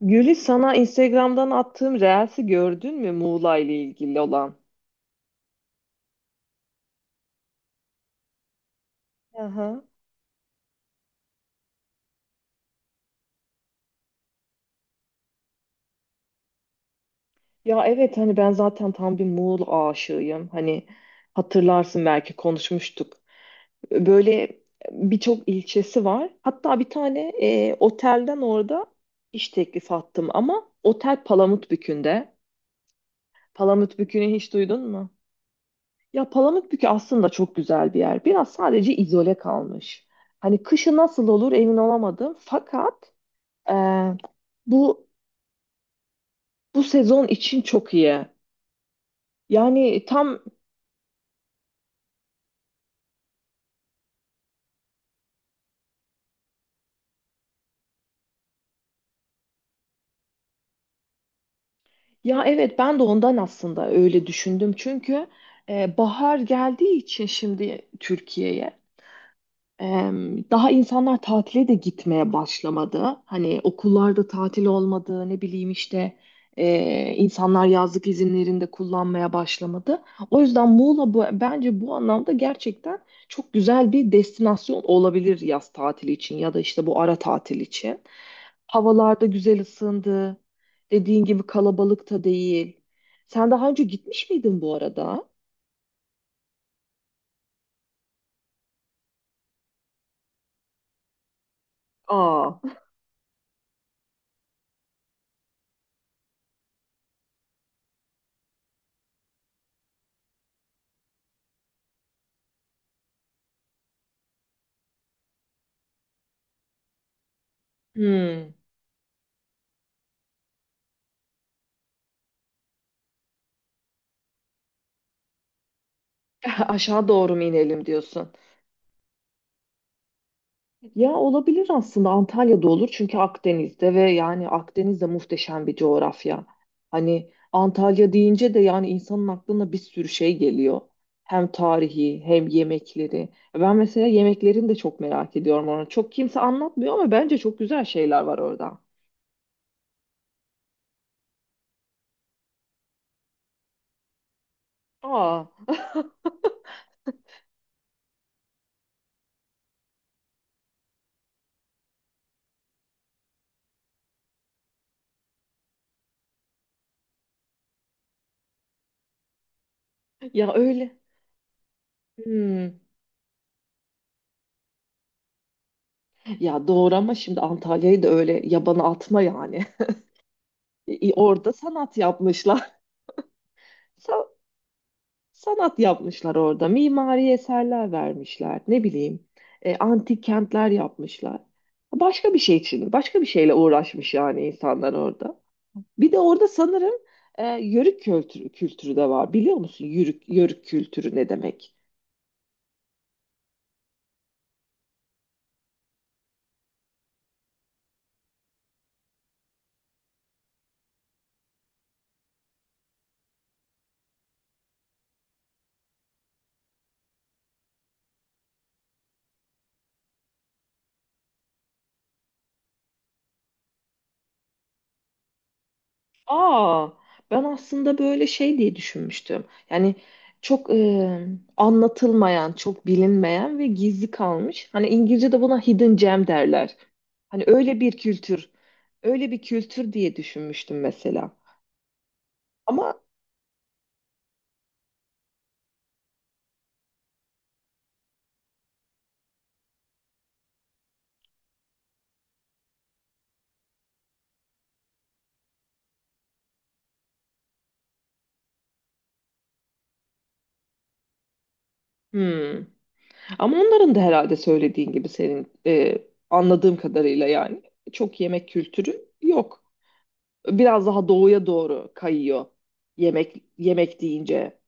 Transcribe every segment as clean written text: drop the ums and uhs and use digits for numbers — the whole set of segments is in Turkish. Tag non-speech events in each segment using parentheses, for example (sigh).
Gülis sana Instagram'dan attığım Reels'i gördün mü Muğla ile ilgili olan? Aha. Ya evet hani ben zaten tam bir Muğla aşığıyım. Hani hatırlarsın belki konuşmuştuk. Böyle birçok ilçesi var. Hatta bir tane otelden orada iş teklifi attım ama otel Palamutbükü'nde. Palamutbükü'nü hiç duydun mu? Ya Palamutbükü aslında çok güzel bir yer. Biraz sadece izole kalmış. Hani kışı nasıl olur emin olamadım. Fakat Ee, bu bu sezon için çok iyi. Yani tam ya evet ben de ondan aslında öyle düşündüm. Çünkü bahar geldiği için şimdi Türkiye'ye daha insanlar tatile de gitmeye başlamadı. Hani okullarda tatil olmadı, ne bileyim işte insanlar yazlık izinlerinde kullanmaya başlamadı. O yüzden Muğla bence bu anlamda gerçekten çok güzel bir destinasyon olabilir yaz tatili için ya da işte bu ara tatil için. Havalarda güzel ısındı. Dediğin gibi kalabalık da değil. Sen daha önce gitmiş miydin bu arada? Aa. Hmm. (laughs) Aşağı doğru mu inelim diyorsun? Ya olabilir aslında Antalya'da olur çünkü Akdeniz'de ve yani Akdeniz de muhteşem bir coğrafya. Hani Antalya deyince de yani insanın aklına bir sürü şey geliyor. Hem tarihi hem yemekleri. Ben mesela yemeklerini de çok merak ediyorum onu. Çok kimse anlatmıyor ama bence çok güzel şeyler var orada. Aa, ya öyle. Hmm. Ya doğru ama şimdi Antalya'yı da öyle yabana atma yani. (laughs) Orada sanat yapmışlar. (laughs) Sanat yapmışlar orada, mimari eserler vermişler, ne bileyim, antik kentler yapmışlar. Başka bir şey için, başka bir şeyle uğraşmış yani insanlar orada. Bir de orada sanırım kültürü de var. Biliyor musun yörük kültürü ne demek? Aa, ben aslında böyle şey diye düşünmüştüm. Yani çok anlatılmayan, çok bilinmeyen ve gizli kalmış. Hani İngilizce'de buna hidden gem derler. Hani öyle öyle bir kültür diye düşünmüştüm mesela. Ama hmm. Ama onların da herhalde söylediğin gibi senin anladığım kadarıyla yani çok yemek kültürü yok. Biraz daha doğuya doğru kayıyor yemek deyince.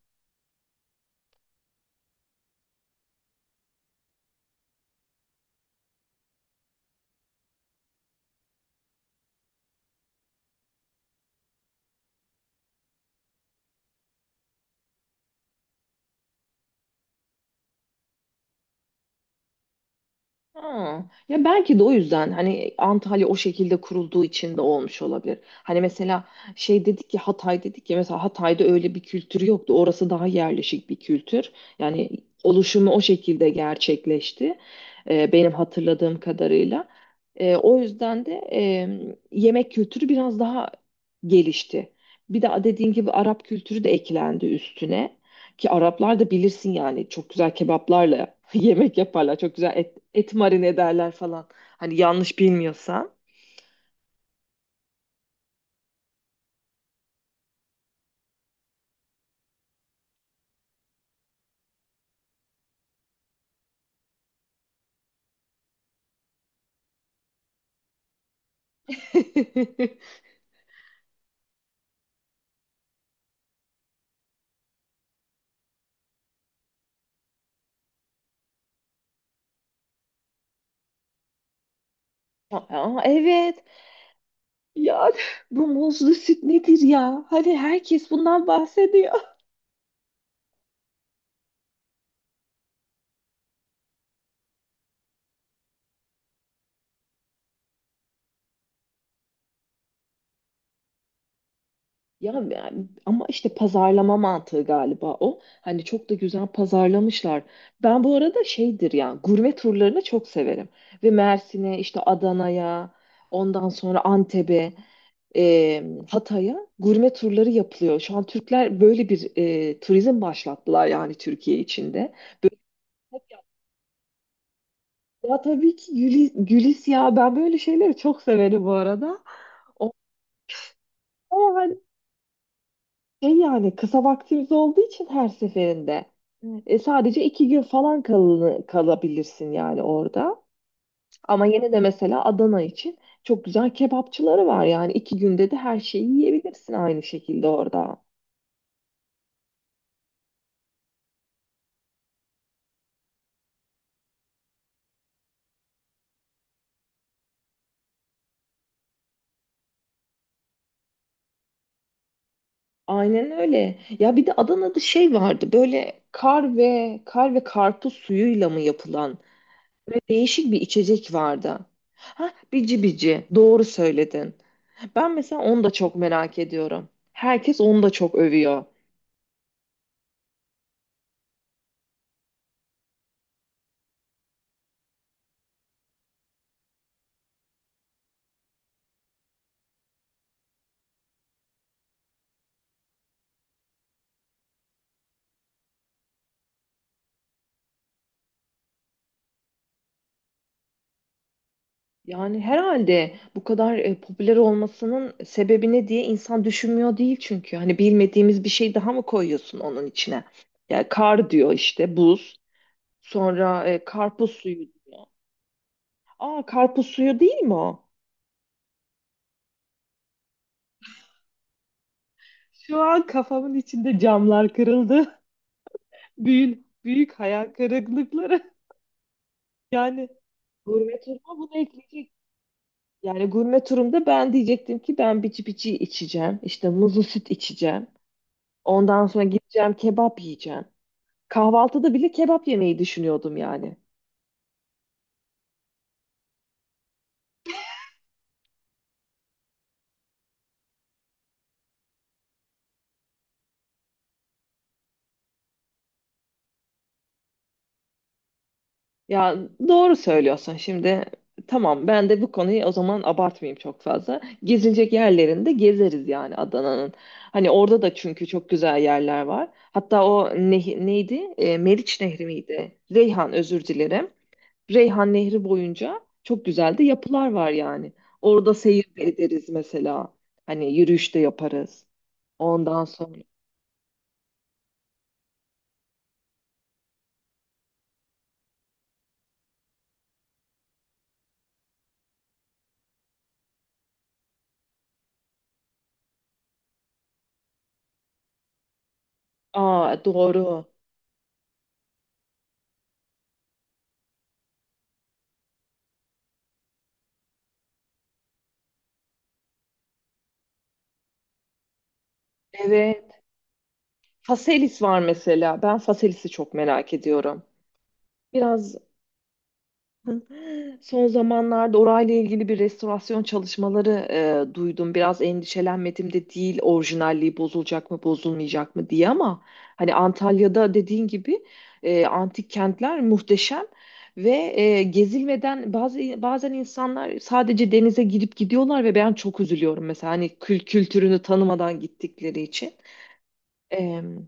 Ha. Ya belki de o yüzden hani Antalya o şekilde kurulduğu için de olmuş olabilir. Hani mesela şey dedik ya Hatay dedik ya mesela Hatay'da öyle bir kültür yoktu. Orası daha yerleşik bir kültür. Yani oluşumu o şekilde gerçekleşti. Benim hatırladığım kadarıyla. O yüzden de yemek kültürü biraz daha gelişti. Bir de dediğin gibi Arap kültürü de eklendi üstüne. Ki Araplar da bilirsin yani çok güzel kebaplarla (laughs) yemek yaparlar. Çok güzel et marine ederler falan. Hani yanlış bilmiyorsam. (laughs) Aa, evet. Ya bu muzlu süt nedir ya? Hani herkes bundan bahsediyor. (laughs) Ya yani ama işte pazarlama mantığı galiba o. Hani çok da güzel pazarlamışlar. Ben bu arada şeydir ya gurme turlarını çok severim. Ve Mersin'e işte Adana'ya ondan sonra Antep'e e, Hatay'a gurme turları yapılıyor. Şu an Türkler böyle bir turizm başlattılar yani Türkiye içinde. Ya tabii ki Gülis ya ben böyle şeyleri çok severim bu arada. O, şey yani kısa vaktimiz olduğu için her seferinde evet. Sadece iki gün falan kalabilirsin yani orada. Ama yine de mesela Adana için çok güzel kebapçıları var yani iki günde de her şeyi yiyebilirsin aynı şekilde orada. Aynen öyle. Ya bir de Adana'da şey vardı böyle kar ve karpuz suyuyla mı yapılan değişik bir içecek vardı. Ha bici bici doğru söyledin. Ben mesela onu da çok merak ediyorum. Herkes onu da çok övüyor. Yani herhalde bu kadar popüler olmasının sebebi ne diye insan düşünmüyor değil çünkü. Hani bilmediğimiz bir şey daha mı koyuyorsun onun içine? Yani kar diyor işte buz. Sonra karpuz suyu diyor. Aa karpuz suyu değil mi o? Şu an kafamın içinde camlar kırıldı. (laughs) Büyük hayal kırıklıkları. Yani gurme turma bunu ekleyecek. Yani gurme turumda ben diyecektim ki ben bici bici içeceğim. İşte muzlu süt içeceğim. Ondan sonra gideceğim kebap yiyeceğim. Kahvaltıda bile kebap yemeyi düşünüyordum yani. Ya doğru söylüyorsun şimdi. Tamam ben de bu konuyu o zaman abartmayayım çok fazla. Gezilecek yerlerinde gezeriz yani Adana'nın. Hani orada da çünkü çok güzel yerler var. Hatta o neydi? E, Meriç Nehri miydi? Reyhan özür dilerim. Reyhan Nehri boyunca çok güzel de yapılar var yani. Orada seyir de ederiz mesela. Hani yürüyüş de yaparız. Ondan sonra. Aa doğru. Evet. Faselis var mesela. Ben Faselis'i çok merak ediyorum. Biraz son zamanlarda orayla ilgili bir restorasyon çalışmaları duydum. Biraz endişelenmedim de değil orijinalliği bozulacak mı bozulmayacak mı diye ama hani Antalya'da dediğin gibi antik kentler muhteşem ve gezilmeden bazı bazen insanlar sadece denize girip gidiyorlar ve ben çok üzülüyorum mesela hani kültürünü tanımadan gittikleri için. Em,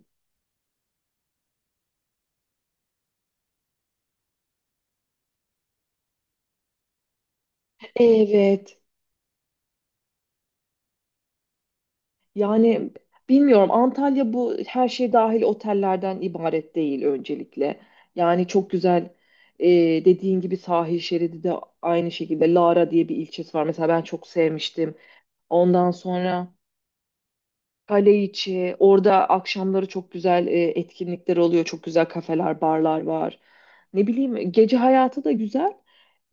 evet. Yani bilmiyorum Antalya bu her şey dahil otellerden ibaret değil öncelikle. Yani çok güzel e, dediğin gibi sahil şeridi de aynı şekilde Lara diye bir ilçesi var. Mesela ben çok sevmiştim. Ondan sonra Kaleiçi orada akşamları çok güzel etkinlikler oluyor. Çok güzel kafeler, barlar var. Ne bileyim gece hayatı da güzel.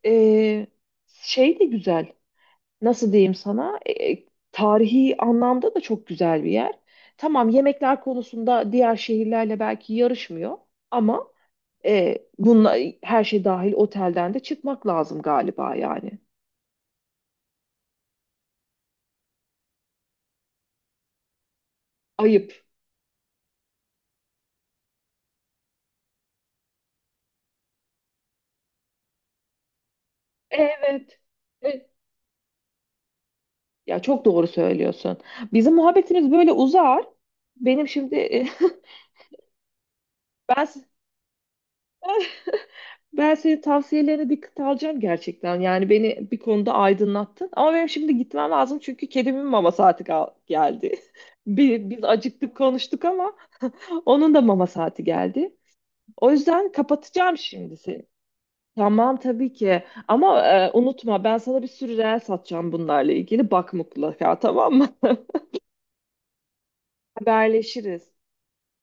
E, Şey de güzel nasıl diyeyim sana tarihi anlamda da çok güzel bir yer. Tamam yemekler konusunda diğer şehirlerle belki yarışmıyor ama bununla her şey dahil otelden de çıkmak lazım galiba yani. Ayıp. Evet. Evet. Ya çok doğru söylüyorsun. Bizim muhabbetimiz böyle uzar. Benim şimdi (laughs) ben ben senin tavsiyelerine dikkat alacağım gerçekten. Yani beni bir konuda aydınlattın. Ama benim şimdi gitmem lazım çünkü kedimin mama saati geldi. (laughs) Biz acıktık konuştuk ama onun da mama saati geldi. O yüzden kapatacağım şimdi seni. Tamam tabii ki. Ama unutma ben sana bir sürü reel satacağım bunlarla ilgili. Bak mutlaka tamam mı? (laughs) Haberleşiriz.